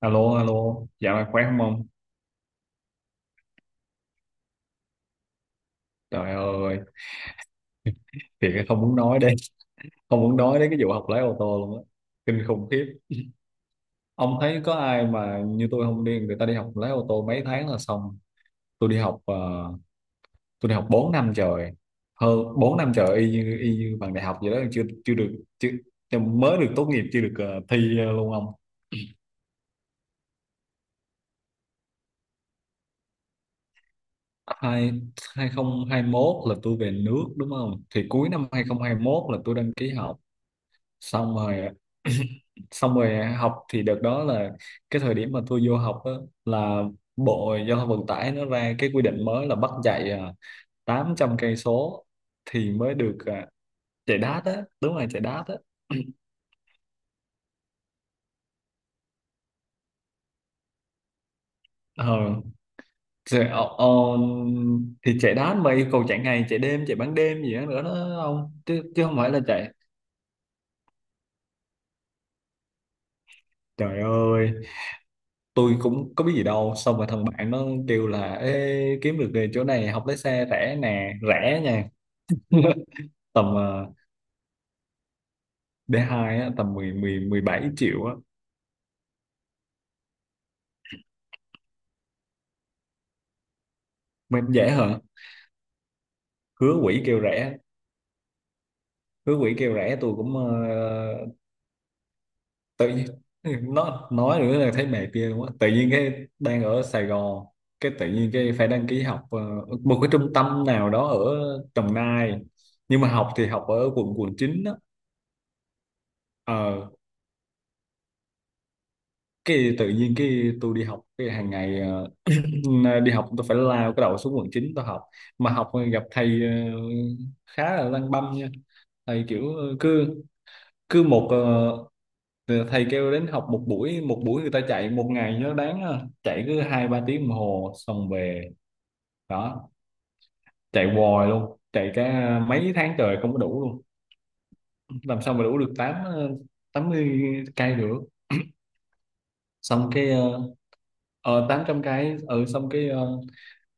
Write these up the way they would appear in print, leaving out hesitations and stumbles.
Alo, alo, dạo này khỏe không ông? Trời ơi, thiệt là không muốn nói đây, không muốn nói đến cái vụ học lái ô tô luôn á, kinh khủng khiếp. Ông thấy có ai mà như tôi không đi, người ta đi học lái ô tô mấy tháng là xong. Tôi đi học, ờ, tôi đi học 4 năm trời, hơn 4 năm trời y như bằng đại học vậy đó, chưa chưa được, chưa, mới được tốt nghiệp, chưa được thi luôn ông. Hai, hai 2021 là tôi về nước đúng không? Thì cuối năm hai hai không hai mốt là tôi đăng ký học xong rồi xong rồi học thì đợt đó là cái thời điểm mà tôi vô học á, là Bộ Giao thông Vận tải nó ra cái quy định mới là bắt chạy à, 800 cây số thì mới được à, chạy đát á, đúng rồi, chạy đát á. ờ chạy, ờ, ờ, thì chạy đát mà yêu cầu chạy ngày chạy đêm chạy ban đêm gì đó nữa đó không chứ, chứ không phải là chạy. Trời ơi, tôi cũng có biết gì đâu, xong rồi thằng bạn nó kêu là: Ê, kiếm được nghề chỗ này học lái xe rẻ nè, rẻ nha. Tầm D2 á, tầm 10 10 17 triệu á. Mà em dễ hả? Hứa quỷ kêu rẻ, hứa quỷ kêu rẻ, tôi cũng tự nhiên nó nói nữa là thấy mệt ghê luôn á. Tự nhiên cái đang ở Sài Gòn, cái tự nhiên cái phải đăng ký học một cái trung tâm nào đó ở Đồng Nai, nhưng mà học thì học ở quận quận 9 đó. Ờ, cái tự nhiên cái tôi đi học cái hàng ngày đi học tôi phải lao cái đầu xuống quận 9 tôi học, mà học gặp thầy khá là lăng băm nha. Thầy kiểu ờ, cứ cứ một ờ, thầy kêu đến học một buổi, một buổi người ta chạy một ngày cho nó đáng, chạy cứ hai ba tiếng đồng hồ xong về đó. Chạy hoài luôn, chạy cả mấy tháng trời không có đủ luôn, làm sao mà đủ được 80 cây được. Xong cái 800, cái ừ, xong cái ờ,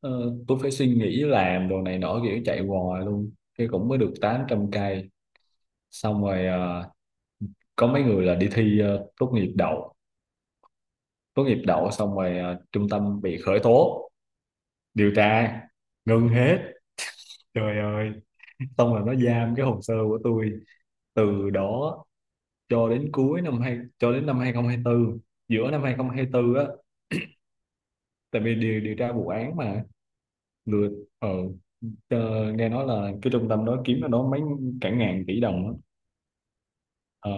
ờ, tôi phải suy nghĩ làm đồ này nọ kiểu chạy hoài luôn, cái cũng mới được 800 cây. Xong rồi có mấy người là đi thi tốt nghiệp đậu, tốt nghiệp đậu, xong rồi trung tâm bị khởi tố, điều tra, ngưng hết. Trời ơi, xong rồi nó giam cái hồ sơ của tôi từ đó cho đến cuối năm hai cho đến năm 2024, giữa năm 2024 á, tại vì điều điều tra vụ án mà lừa. ờ ờ, nghe nói là cái trung tâm đó kiếm nó đó mấy cả ngàn tỷ đồng á. Ờ,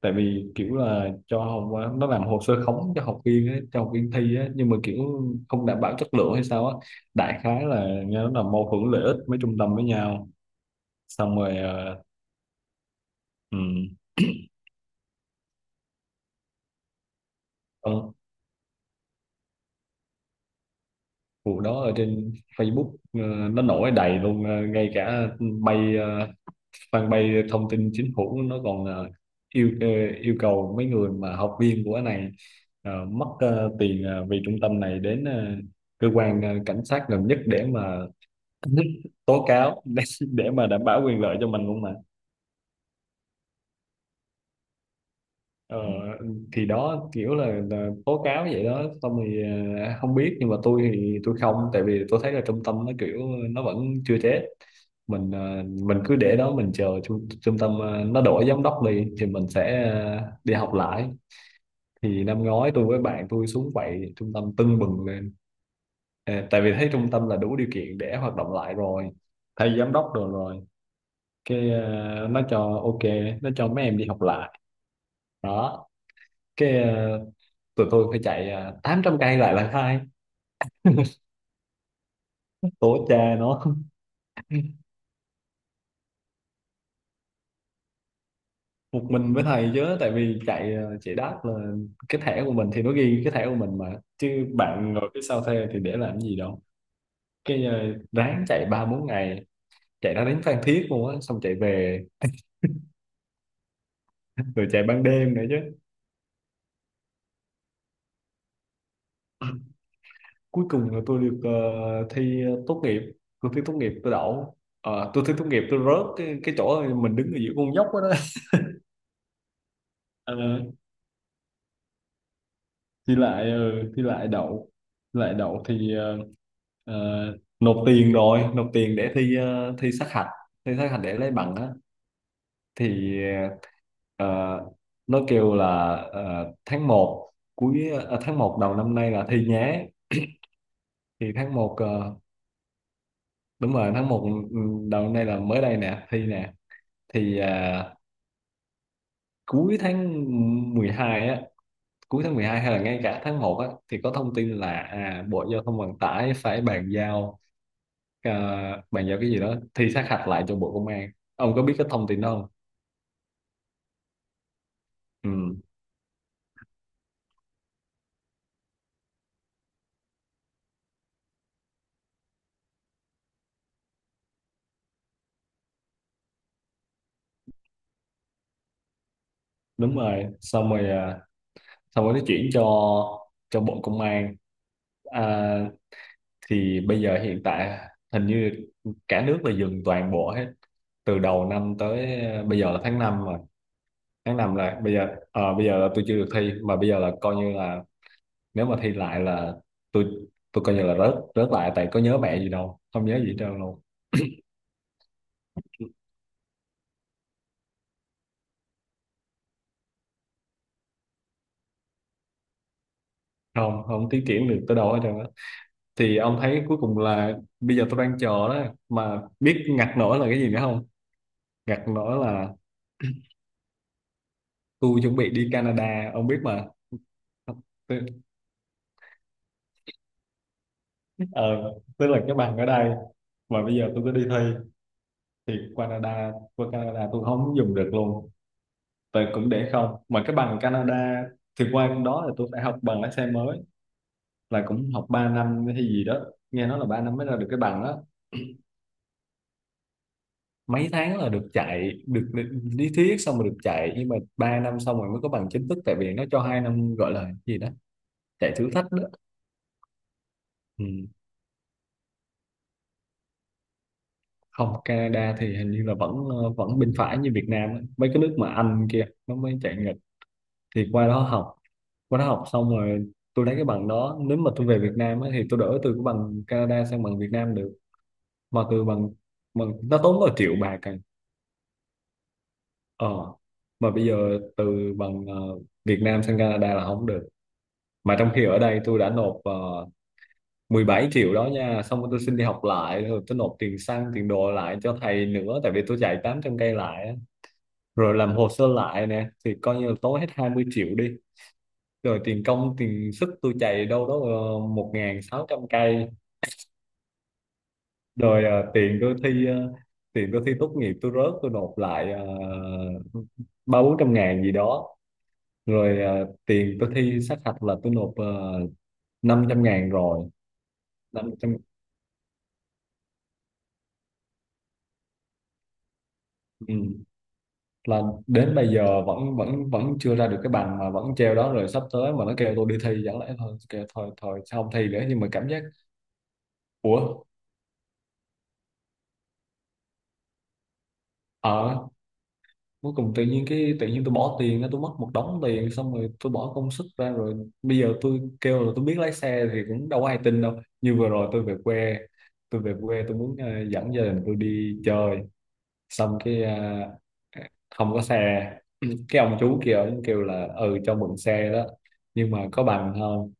tại vì kiểu là cho học quá, nó làm hồ sơ khống cho học viên ấy, cho học viên thi ấy, nhưng mà kiểu không đảm bảo chất lượng hay sao á. Đại khái là nghe nó là mâu thuẫn lợi ích mấy trung tâm với nhau. Xong rồi ừm, Ừ, vụ đó ở trên Facebook nó nổi đầy luôn, ngay cả bay ờ, fanpage thông tin chính phủ nó còn yêu ờ, yêu cầu mấy người mà học viên của cái này mất tiền, vì trung tâm này, đến cơ quan cảnh sát gần nhất để mà tố cáo để mà đảm bảo quyền lợi cho mình luôn mà. Ờ, thì đó kiểu là, tố cáo vậy đó, xong thì à, không biết, nhưng mà tôi thì tôi không, tại vì tôi thấy là trung tâm nó kiểu nó vẫn chưa chết. Mình à, mình cứ để đó, mình chờ trung tâm à, nó đổi giám đốc đi thì mình sẽ à, đi học lại. Thì năm ngoái tôi với bạn tôi xuống vậy, trung tâm tưng bừng lên. À, tại vì thấy trung tâm là đủ điều kiện để hoạt động lại rồi, thay giám đốc rồi rồi cái à, nó cho ok, nó cho mấy em đi học lại đó. Cái à, tụi tôi phải chạy à, 800 cây lại là khai tổ cha nó. Một mình với thầy chứ, tại vì chạy à, chạy đáp là cái thẻ của mình thì nó ghi cái thẻ của mình mà, chứ bạn ngồi phía sau thuê thì để làm gì đâu. Cái à, ráng chạy ba bốn ngày, chạy ra đến Phan Thiết luôn á, xong chạy về, rồi chạy ban đêm nữa chứ. Cuối cùng là tôi được thi tốt nghiệp, tôi thi tốt nghiệp tôi đậu. Ờ, tôi thi tốt nghiệp tôi rớt cái, chỗ mình đứng ở giữa con dốc đó, đó. Ờ, thi lại đậu. Thi lại đậu thì ờ, nộp tiền, rồi nộp tiền để thi thi sát hạch, thi sát hạch để lấy bằng á. Thì ờ, nó kêu là tháng một đầu năm nay là thi nhé. Thì tháng 1 đúng rồi, tháng 1, ừ, đầu năm nay là mới đây nè, thi nè. Thì cuối tháng 12 á, cuối tháng 12 hay là ngay cả tháng 1 á, thì có thông tin là à, Bộ Giao thông Vận tải phải bàn giao ờ, bàn giao cái gì đó thi sát hạch lại cho Bộ Công an. Ông có biết cái thông tin đó không? Ừ, đúng rồi, xong rồi à, xong rồi nó chuyển cho Bộ Công an à. Thì bây giờ hiện tại, hình như cả nước là dừng toàn bộ hết, từ đầu năm tới à, bây giờ là tháng 5, rồi tháng 5 là bây giờ bây giờ là tôi chưa được thi, mà bây giờ là coi như là, nếu mà thi lại là tôi tôi coi như là rớt rớt lại, tại có nhớ mẹ gì đâu, không nhớ gì hết trơn luôn. Không không tiến triển được tới đâu hết trơn á, thì ông thấy cuối cùng là bây giờ tôi đang chờ đó, mà biết ngặt nổi là cái gì nữa không? Ngặt nổi là tôi chuẩn bị đi Canada ông biết mà. Tức- ờ tức là cái bằng ở đây, mà bây giờ tôi cứ đi thi thì Canada, qua Canada tôi không dùng được luôn. Tôi cũng để không mà cái bằng Canada, thì qua đó là tôi phải học bằng lái xe mới, là cũng học 3 năm hay gì đó, nghe nói là 3 năm mới ra được cái bằng đó. Mấy tháng là được chạy, được lý thuyết xong rồi được chạy, nhưng mà 3 năm xong rồi mới có bằng chính thức, tại vì nó cho 2 năm gọi là gì đó, chạy thử thách đó. Ừ. Không, Canada thì hình như là vẫn vẫn bên phải như Việt Nam á. Mấy cái nước mà Anh kia nó mới chạy nghịch. Thì qua đó học, qua đó học xong rồi tôi lấy cái bằng đó, nếu mà tôi về Việt Nam á, thì tôi đổi từ cái bằng Canada sang bằng Việt Nam được, mà từ bằng bằng nó tốn có triệu bạc à. Ờ, mà bây giờ từ bằng Việt Nam sang Canada là không được. Mà trong khi ở đây tôi đã nộp 17 triệu đó nha, xong rồi tôi xin đi học lại, rồi tôi nộp tiền xăng, tiền đồ lại cho thầy nữa, tại vì tôi chạy 800 cây lại, á. Rồi làm hồ sơ lại nè, thì coi như là tốn hết 20 triệu đi. Rồi tiền công, tiền sức tôi chạy đâu đó 1.600 cây, rồi tiền tôi thi tốt nghiệp tôi rớt tôi nộp lại ba bốn trăm ngàn gì đó, rồi tiền tôi thi sát hạch là tôi nộp 500 ngàn rồi, 500. Ừ, là đến bây giờ vẫn vẫn vẫn chưa ra được cái bằng, mà vẫn treo đó, rồi sắp tới mà nó kêu tôi đi thi chẳng lẽ thôi, kêu thôi thôi sao không thi nữa, nhưng mà cảm giác ủa. Ờ, cuối cùng tự nhiên cái tự nhiên tôi bỏ tiền, tôi mất một đống tiền, xong rồi tôi bỏ công sức ra rồi, bây giờ tôi kêu là tôi biết lái xe thì cũng đâu có ai tin đâu. Như vừa rồi tôi về quê, tôi về quê tôi muốn dẫn gia đình tôi đi chơi, xong cái à, không có xe. Cái ông chú kia ông kêu là: Ừ, cho mượn xe đó nhưng mà có bằng không?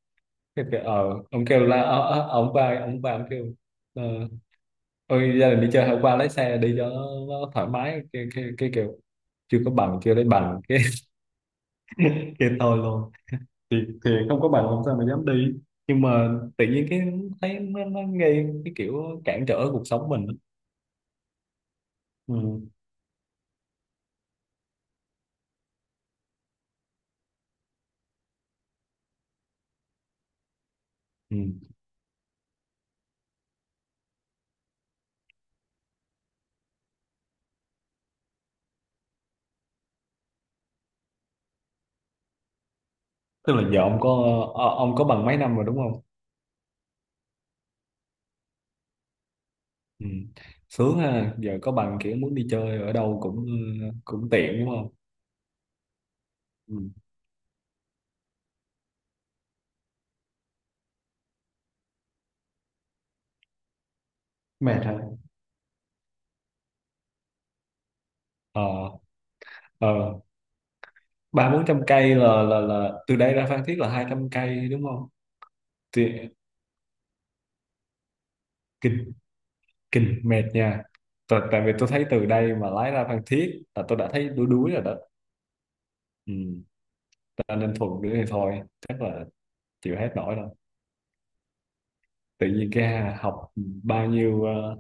Cái kêu ờ, ông kêu là ông kêu ờ, ôi gia đình đi chơi hôm qua lấy xe đi cho nó thoải mái, cái kêu chưa có bằng, chưa lấy bằng cái cái thôi luôn. Thì thì không có bằng làm sao mà dám đi, nhưng mà tự nhiên cái thấy nó gây cái kiểu cản trở cuộc sống mình. Ừ. Ừ. Tức là giờ ông có ông có bằng mấy năm rồi đúng không? Ừ. Sướng ha, giờ có bằng kiểu muốn đi chơi ở đâu cũng cũng tiện đúng không? Ừ. Mệt hả? Ờ, ờ, ba bốn trăm cây là từ đây ra Phan Thiết là 200 cây đúng không? Thì, kinh kinh mệt nha. Tại vì tôi thấy từ đây mà lái ra Phan Thiết là tôi đã thấy đuối đuối rồi đó. Ừ. Ta nên thuận nữa thì thôi, chắc là chịu hết nổi rồi. Tự nhiên cái hà- học bao nhiêu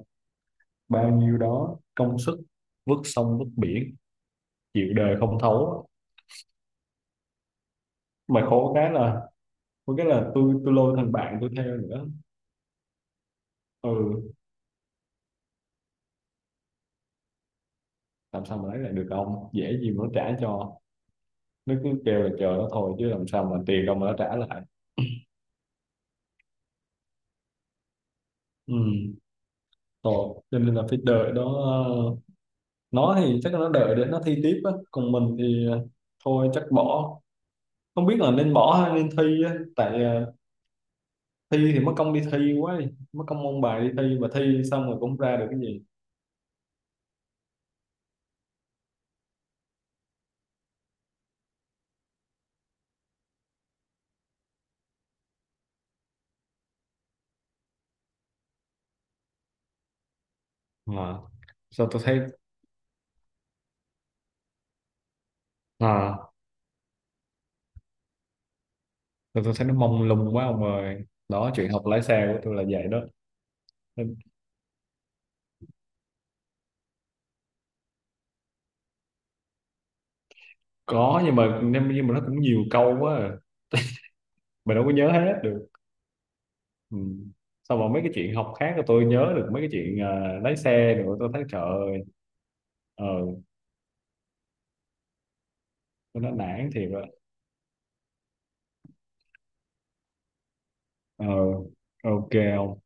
bao nhiêu đó công sức vứt sông vứt biển, chịu đời không thấu, mà khổ cái là có cái là tôi lôi thằng bạn tôi theo nữa. Ừ, làm sao mà lấy lại được, ông dễ gì mà nó trả cho. Nó cứ kêu là chờ nó thôi, chứ làm sao mà tiền đâu mà nó trả lại. Ừ, thôi cho nên là phải đợi đó, nó thì chắc là nó đợi để nó thi tiếp á, còn mình thì thôi chắc bỏ. Không biết là nên bỏ hay nên thi á, tại thi thì mất công đi thi quá đi, mất công ôn bài đi thi mà thi xong rồi cũng không ra được cái gì. À, sao tôi thấy à sao tôi thấy nó mông lung quá ông ơi. Đó, chuyện học lái xe của tôi là vậy đó. Có, nhưng mà nhưng mà nó cũng nhiều câu quá à. Mình đâu có nhớ hết được. Ừ. Sau mà mấy cái chuyện học khác là tôi nhớ được, mấy cái chuyện lái xe rồi tôi thấy trời ơi. Ờ, tôi nó nản thiệt rồi. Ờ, ok, không.